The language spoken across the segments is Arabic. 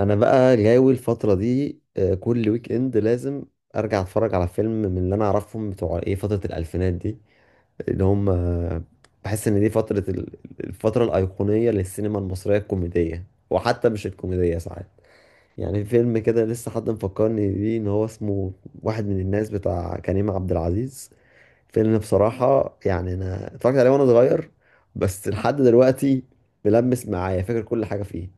انا بقى جاوي الفتره دي كل ويك اند لازم ارجع اتفرج على فيلم من اللي انا اعرفهم بتوع ايه فتره الالفينات دي اللي هم بحس ان دي فتره الفتره الايقونيه للسينما المصريه الكوميديه، وحتى مش الكوميديه ساعات. يعني فيلم كده لسه حد مفكرني بيه ان هو اسمه واحد من الناس بتاع كريم عبد العزيز. فيلم بصراحه يعني انا اتفرجت عليه وانا صغير، بس لحد دلوقتي ملمس معايا، فاكر كل حاجه فيه.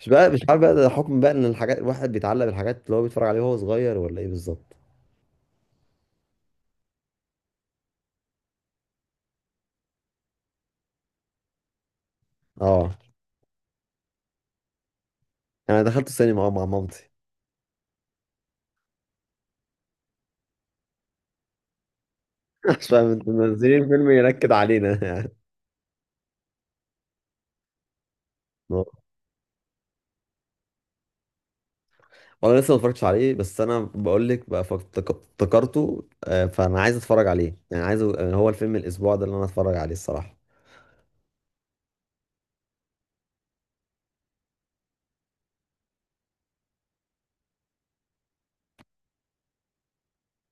مش عارف بقى ده حكم بقى ان الحاجات الواحد بيتعلق بالحاجات اللي هو بيتفرج عليها وهو صغير ولا ايه بالظبط. اه، انا دخلت السينما اه مع مامتي. عشان انتوا منزلين فيلم ينكد علينا يعني. آه. وانا لسه ما اتفرجتش عليه، بس انا بقول لك بقى افتكرته، فانا عايز اتفرج عليه يعني عايز، هو الفيلم الاسبوع ده اللي انا اتفرج عليه الصراحه.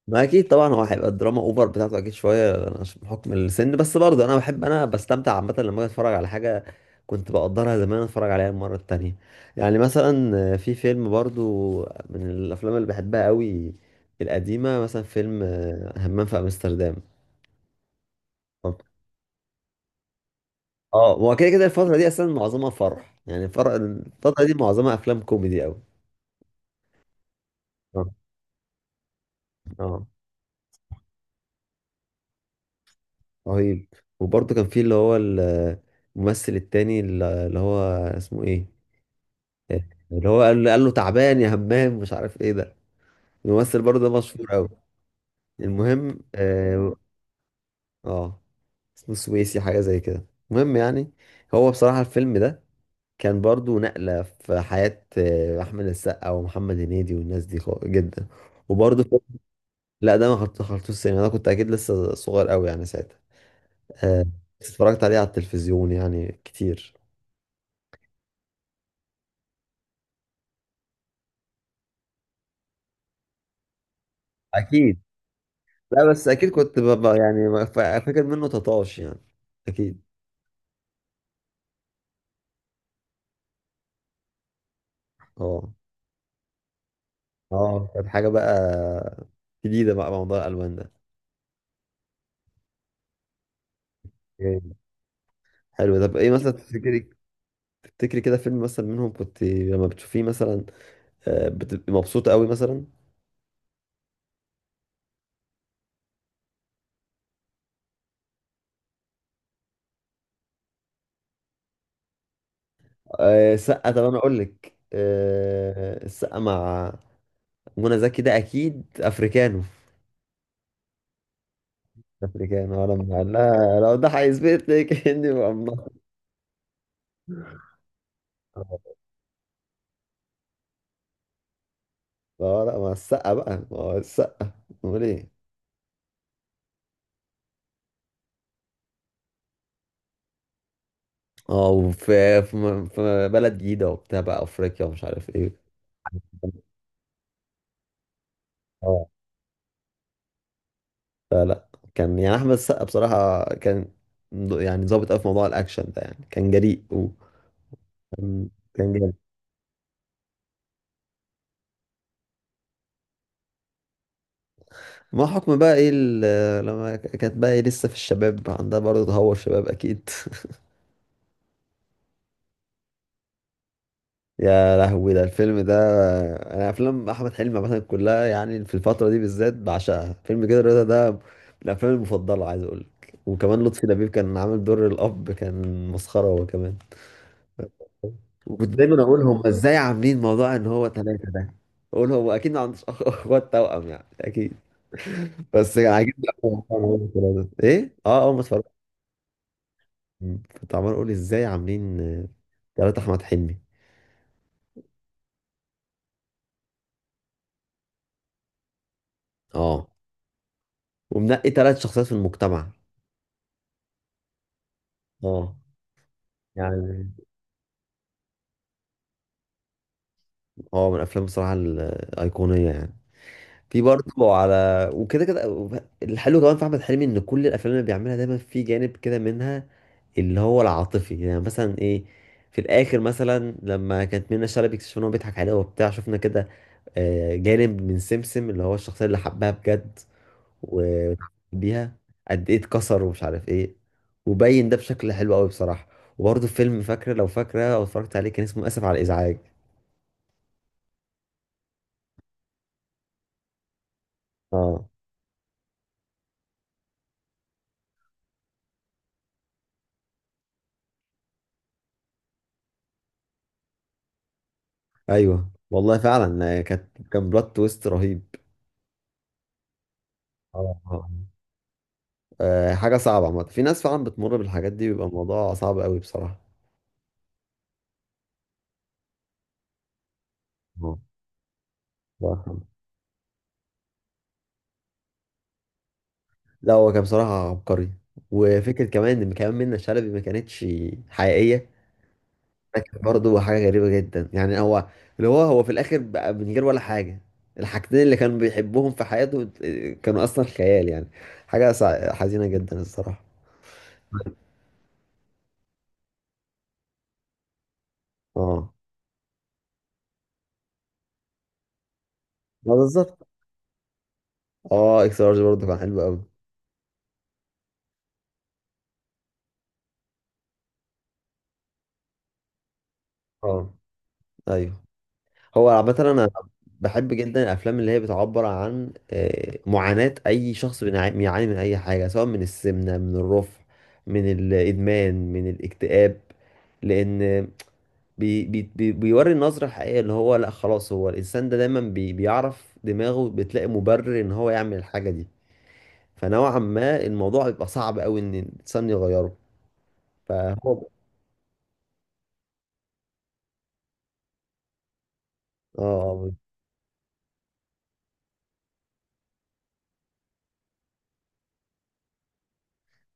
ما اكيد طبعا هو هيبقى الدراما اوفر بتاعته اكيد شويه عشان بحكم السن، بس برضه انا بحب، بستمتع عامه لما أجي اتفرج على حاجه كنت بقدرها زمان اتفرج عليها المره التانية. يعني مثلا في فيلم برضه من الافلام اللي بحبها قوي القديمه، مثلا فيلم همام في امستردام. اه، هو كده كده الفتره دي اصلا معظمها فرح، يعني الفتره دي معظمها افلام كوميدي قوي. اه. اه. رهيب. وبرضه كان في اللي هو الممثل التاني اللي هو اسمه ايه، اللي هو قال له تعبان يا همام، مش عارف ايه ده. الممثل برضه ده مشهور قوي. المهم اه، آه، اسمه سويسي حاجه زي كده. المهم يعني هو بصراحه الفيلم ده كان برضه نقله في حياه احمد السقا ومحمد هنيدي والناس دي جدا. وبرضه لا ده ما حط- حطيتوش السينما، انا كنت اكيد لسه صغير قوي يعني ساعتها. آه، بس اتفرجت عليه على التلفزيون يعني كتير. اكيد. لا بس اكيد كنت ببقى يعني فاكر منه تطاش يعني. اكيد. اه. اه، كانت حاجة بقى جديدة بقى موضوع الألوان ده. جامد. حلو، طب ايه مثلا تفتكري؟ تفتكري كده فيلم مثلا منهم كنت لما بتشوفيه مثلا بتبقي مبسوطة قوي مثلا؟ السقا، طب انا اقول لك، السقا مع منى زكي ده اكيد افريكانو. افريكانو، انا لما قال لها لو ده هيثبت لك اني مقمطة. اه، لا مع السقا بقى، ما هو السقا، امال ايه. اه، وفي، في، في بلد جديدة وبتاع بقى افريقيا ومش عارف ايه. اه كان يعني احمد السقا بصراحه كان، يعني ظابط قوي في موضوع الاكشن ده، يعني كان جريء وكان، كان جامد. ما حكم بقى ايه لما كانت بقى ايه لسه في الشباب عندها برضه تهور شباب اكيد يا لهوي ده الفيلم ده! انا افلام احمد حلمي مثلا كلها يعني في الفتره دي بالذات بعشقها. فيلم كده رضا ده من الافلام المفضله، عايز اقول لك. وكمان لطفي لبيب كان عامل دور الاب، كان مسخره هو كمان. وكنت دايما اقول هم ازاي عاملين موضوع ان هو ثلاثه ده، اقول هو اكيد ما عندوش اخوات توأم يعني اكيد. بس عاجبني أوي موضوع إن هم ثلاثة. ايه، اه اه ما اتفرجت، كنت عمال اقول ازاي عاملين ثلاثه احمد حلمي. اه، ومنقي ثلاث شخصيات في المجتمع. اه. يعني اه، من الافلام بصراحه الايقونيه يعني. في برضه على وكده كده الحلو كمان في احمد حلمي ان كل الافلام اللي بيعملها دايما في جانب كده منها اللي هو العاطفي، يعني مثلا ايه، في الاخر مثلا لما كانت منى شلبي اكتشفنا ان هو بيضحك عليها وبتاع، شفنا كده جانب من سمسم اللي هو الشخصيه اللي حبها بجد وبيها قد ايه اتكسر ومش عارف ايه. وبين ده بشكل حلو قوي بصراحه. وبرضه فيلم، فاكره لو فاكره او اتفرجت عليه، كان اسمه اسف على الازعاج. اه، ايوه والله فعلا، كان بلوت تويست رهيب. آه، آه. آه، آه، حاجة صعبة عامة. في ناس فعلا بتمر بالحاجات دي، بيبقى الموضوع صعب قوي بصراحة. آه. الله يرحمه. لا هو كان بصراحة عبقري. وفكرة كمان ان كمان منة شلبي ما كانتش حقيقية، ده كان برضه حاجة غريبة جدا. يعني هو اللي هو هو في الاخر بقى من غير ولا حاجة، الحاجتين اللي كان بيحبهم في حياته كانوا اصلا خيال، يعني حاجة حزينة جدا الصراحة. اه، ما بالظبط. اه، اكس لارج برضه كان حلو قوي. اه. ايوه. هو عامة أنا بحب جدا الأفلام اللي هي بتعبر عن معاناة أي شخص بيعاني من أي حاجة، سواء من السمنة، من الرفع، من الإدمان، من الاكتئاب. لأن بي بيوري النظرة الحقيقية اللي هو لأ خلاص، هو الإنسان ده دايما بيعرف دماغه بتلاقي مبرر إن هو يعمل الحاجة دي. فنوعا ما الموضوع بيبقى صعب أوي إن الإنسان يغيره. فهو، آه آه،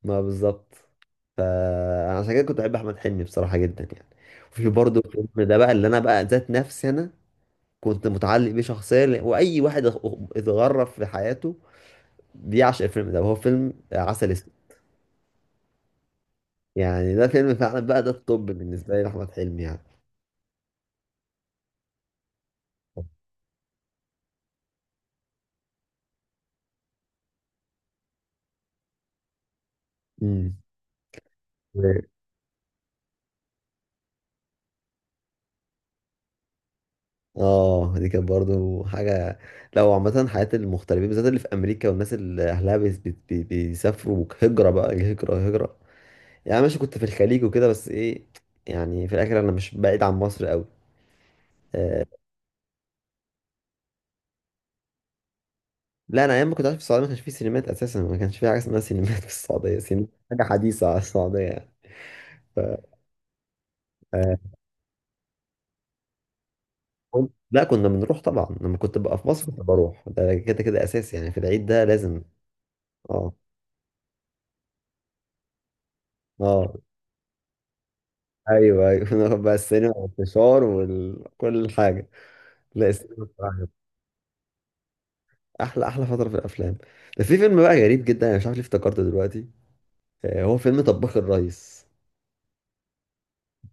ما بالظبط. فعشان كده كنت بحب احمد حلمي بصراحه جدا يعني. وفي برضه الفيلم ده بقى اللي انا بقى ذات نفسي انا كنت متعلق بيه شخصيا، واي واحد اتغرف في حياته بيعشق الفيلم ده، وهو فيلم عسل اسود. يعني ده فيلم فعلا، بقى ده الطب بالنسبه لي لاحمد حلمي يعني. امم. اه دي كانت برضه حاجه، لو عامه حياه المغتربين بالذات اللي في امريكا، والناس اللي اهلها بيسافروا هجره بقى، هجره. يعني ماشي كنت في الخليج وكده، بس ايه، يعني في الاخر انا مش بعيد عن مصر قوي. لا انا ايام ما كنت عايش في السعوديه ما كانش في سينمات اساسا، ما كانش في حاجه اسمها سينمات في السعوديه. سينما حاجه حديثه على السعوديه يعني، ف... آه، لا كنا بنروح طبعا، لما كنت ببقى في مصر كنت بروح ده كده كده اساسي، يعني في العيد ده لازم. اه. اه. ايوه ايوه نروح بقى السينما والفشار وكل حاجه. لا السينما بصراحة احلى احلى فتره في الافلام. ده في فيلم بقى غريب جدا، انا مش عارف ليه افتكرته دلوقتي، هو فيلم طباخ الريس.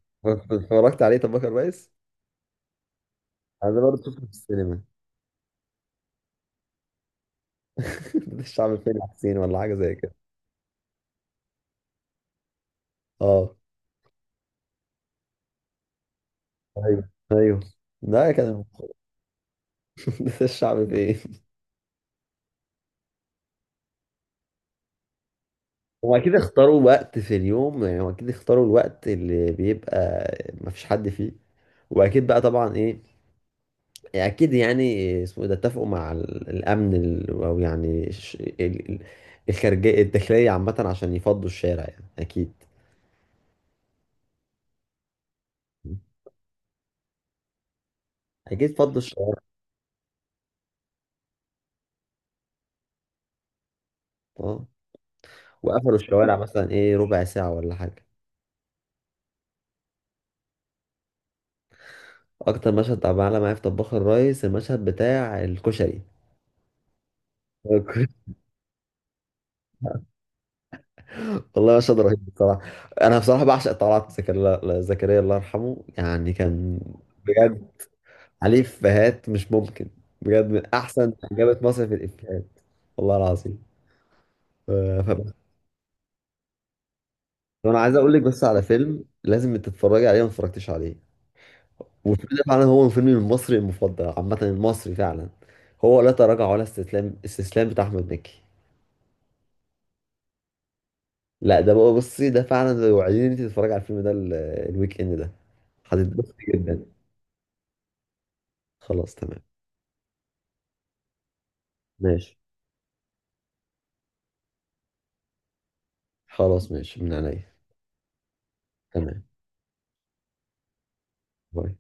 اتفرجت عليه طب بكر بايس. انا ده برضه شفته في السينما. ده الشعب فين يا حسين ولا حاجه زي كده. اه ايوه ايوه. ده كان ده الشعب فين. هم اكيد اختاروا وقت في اليوم، يعني هم اكيد اختاروا الوقت اللي بيبقى مفيش حد فيه. واكيد بقى طبعا ايه، يعني اكيد يعني اسمه إيه ده، اتفقوا مع الامن او يعني ال- الخارجيه الداخليه عامه عشان يفضوا الشارع يعني اكيد. اكيد فضوا الشارع. اه، وقفلوا الشوارع مثلا ايه ربع ساعة ولا حاجة. اكتر مشهد، طب معلم معايا في طباخ الريس المشهد بتاع الكشري. والله مشهد رهيب بصراحة. انا بصراحة بعشق طلعت زكريا، الله زكريا الله يرحمه، يعني كان بجد عليه افيهات مش ممكن. بجد من احسن جابت مصر في الافيهات. والله العظيم. ف... ف... طب انا عايز اقول لك بس على فيلم لازم تتفرجي عليه، ما اتفرجتيش عليه. وفيلم ده فعلا هو فيلمي المصري المفضل، عامة المصري فعلا، هو لا تراجع ولا استسلام، استسلام بتاع أحمد مكي. لا ده بقى بصي، ده فعلا لو عايزين انت تتفرجي على الفيلم ده الويك اند ده هتتبسطي جدا. خلاص تمام. ماشي. خلاص ماشي من عينيا. تمام. باي.